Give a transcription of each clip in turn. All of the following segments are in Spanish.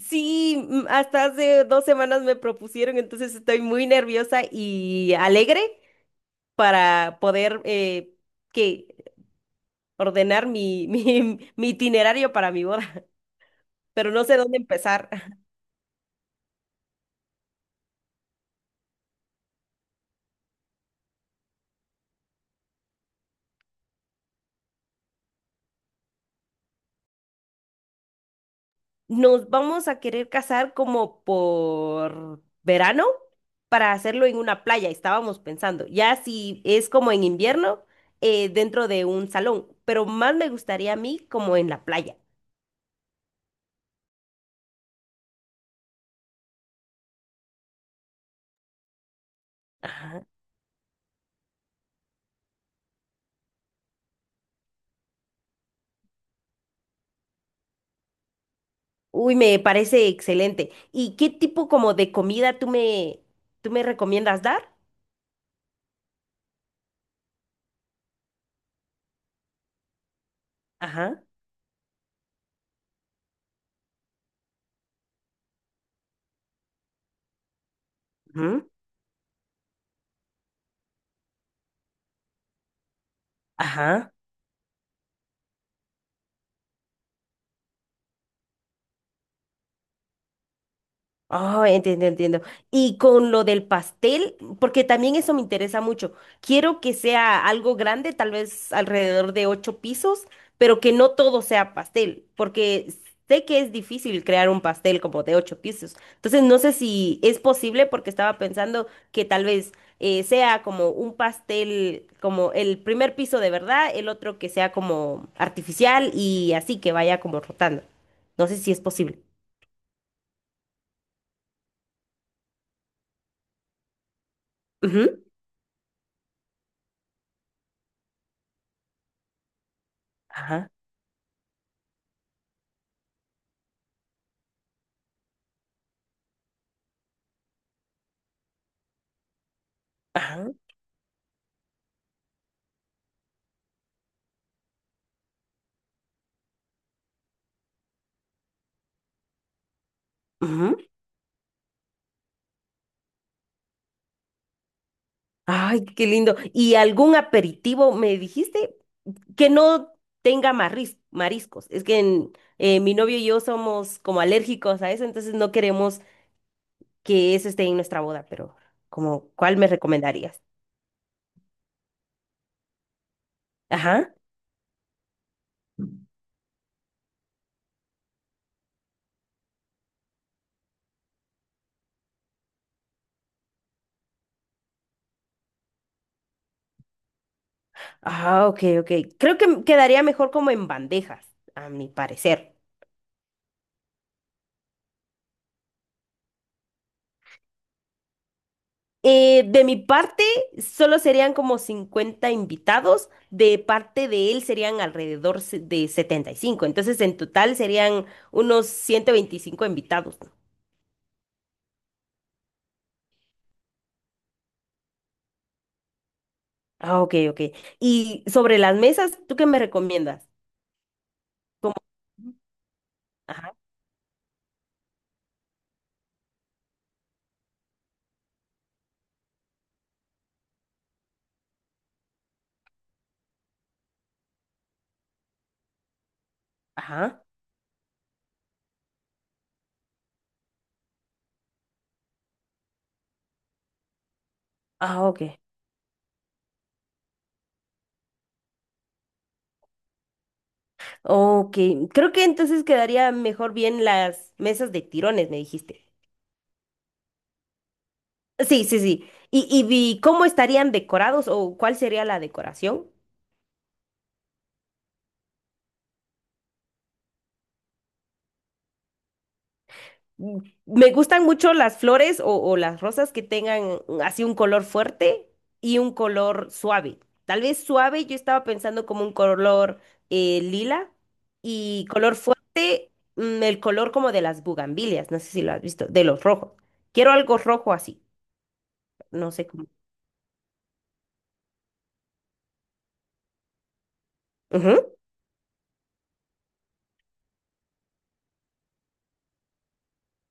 Sí, hasta hace 2 semanas me propusieron, entonces estoy muy nerviosa y alegre para poder que ordenar mi, mi itinerario para mi boda, pero no sé dónde empezar. Nos vamos a querer casar como por verano para hacerlo en una playa, estábamos pensando. Ya si es como en invierno, dentro de un salón, pero más me gustaría a mí como en la playa. Ajá. Uy, me parece excelente. ¿Y qué tipo como de comida tú me recomiendas dar? Ajá. Ujú. Ajá. Oh, entiendo, entiendo. Y con lo del pastel, porque también eso me interesa mucho. Quiero que sea algo grande, tal vez alrededor de ocho pisos, pero que no todo sea pastel, porque sé que es difícil crear un pastel como de ocho pisos. Entonces, no sé si es posible, porque estaba pensando que tal vez sea como un pastel, como el primer piso de verdad, el otro que sea como artificial y así que vaya como rotando. No sé si es posible. Ujú. Ajá. Ajá. Ujú. Ay, qué lindo. ¿Y algún aperitivo me dijiste que no tenga mariscos? Es que mi novio y yo somos como alérgicos a eso, entonces no queremos que eso esté en nuestra boda, pero como, ¿cuál me recomendarías? Ajá. Ah, ok, ok. Creo que quedaría mejor como en bandejas, a mi parecer. De mi parte, solo serían como 50 invitados, de parte de él serían alrededor de 75. Entonces en total serían unos 125 invitados, ¿no? Ah, ok, ok. Y sobre las mesas, ¿tú qué me recomiendas? Como- Ajá, ajá. Ah, ok. Ok, creo que entonces quedaría mejor bien las mesas de tirones, me dijiste. Sí, sí, sí. ¿Y cómo estarían decorados o cuál sería la decoración? Mm, Me gustan mucho las flores o las rosas que tengan así un color fuerte y un color suave. Tal vez suave, yo estaba pensando como un color lila y color fuerte, el color como de las bugambilias, no sé si lo has visto, de los rojos. Quiero algo rojo así, no sé cómo.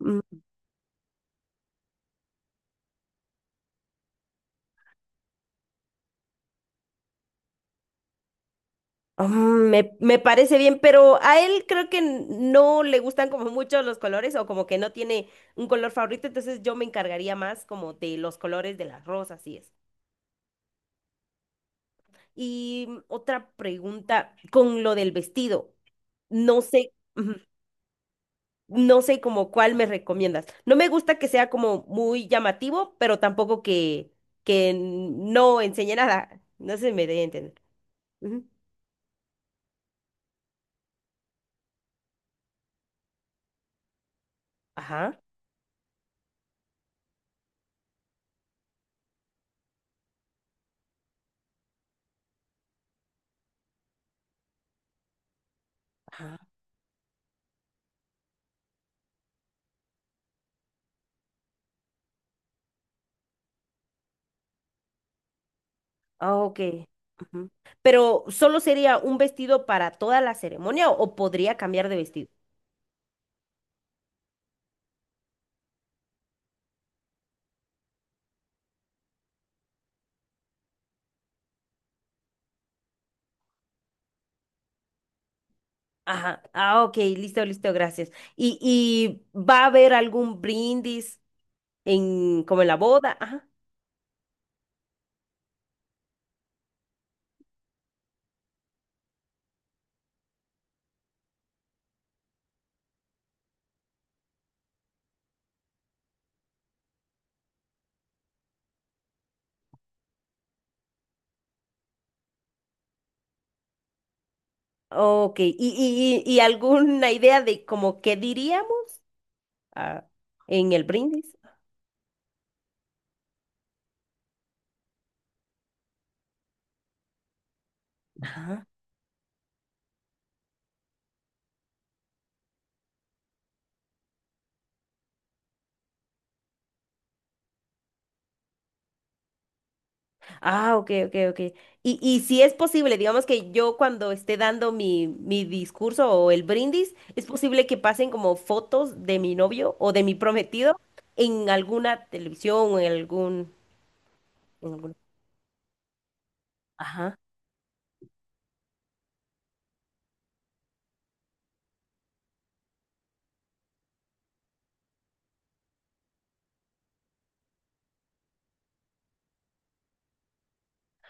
Ujú. Me parece bien, pero a él creo que no le gustan como mucho los colores o como que no tiene un color favorito, entonces yo me encargaría más como de los colores de las rosas y eso. Y otra pregunta con lo del vestido. No sé, ujú, no sé como cuál me recomiendas. No me gusta que sea como muy llamativo, pero tampoco que, no enseñe nada. No se me dé a entender. Ujú. Ajá. Ah, ok. Ujú. Pero solo sería un vestido para toda la ceremonia o podría cambiar de vestido. Ajá. Ah, ok, listo, listo, gracias. ¿Y va a haber algún brindis en como en la boda? Ajá. Ok. ¿Y alguna idea de como qué diríamos ah, en el brindis? Ah, ok, ok, ok. Y si es posible, digamos que yo cuando esté dando mi discurso o el brindis, es posible que pasen como fotos de mi novio o de mi prometido en alguna televisión o en algún... En algún...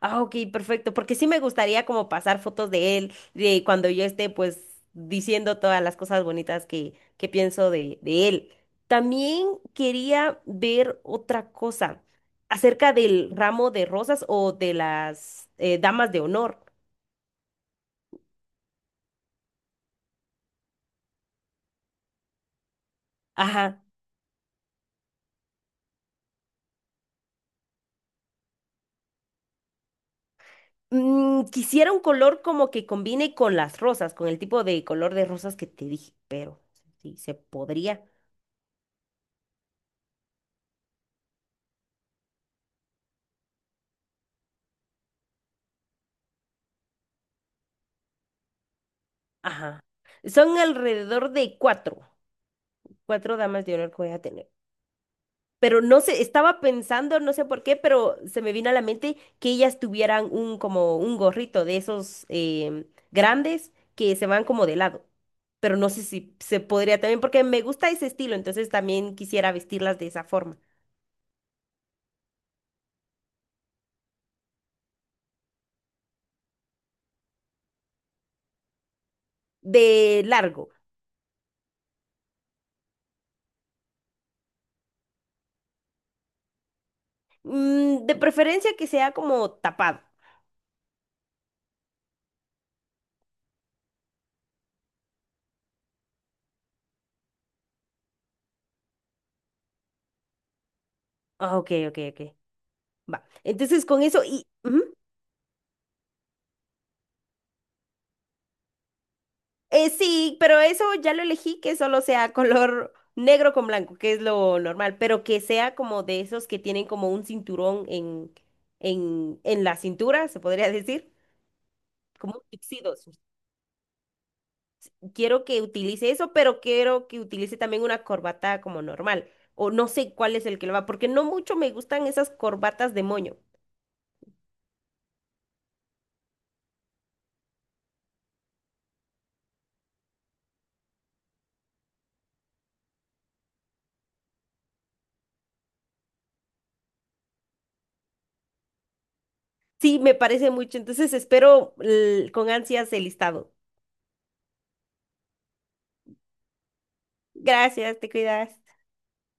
Ah, ok, perfecto, porque sí me gustaría como pasar fotos de él, de cuando yo esté pues diciendo todas las cosas bonitas que, pienso de él. También quería ver otra cosa acerca del ramo de rosas o de las damas de honor. Ajá. Quisiera un color como que combine con las rosas, con el tipo de color de rosas que te dije, pero sí, se podría. Ajá. Son alrededor de cuatro damas de honor que voy a tener. Pero no sé, estaba pensando, no sé por qué, pero se me vino a la mente que ellas tuvieran un como un gorrito de esos grandes que se van como de lado. Pero no sé si se podría también, porque me gusta ese estilo, entonces también quisiera vestirlas de esa forma, de largo. De preferencia que sea como tapado. Ah, ok, ok, ok. Va. Entonces con eso y... ujú. Sí, pero eso ya lo elegí que solo sea color negro con blanco, que es lo normal, pero que sea como de esos que tienen como un cinturón en, en la cintura, se podría decir, como un tuxedo. Quiero que utilice eso, pero quiero que utilice también una corbata como normal, o no sé cuál es el que lo va, porque no mucho me gustan esas corbatas de moño. Sí, me parece mucho, entonces espero con ansias el listado. Gracias, te cuidas.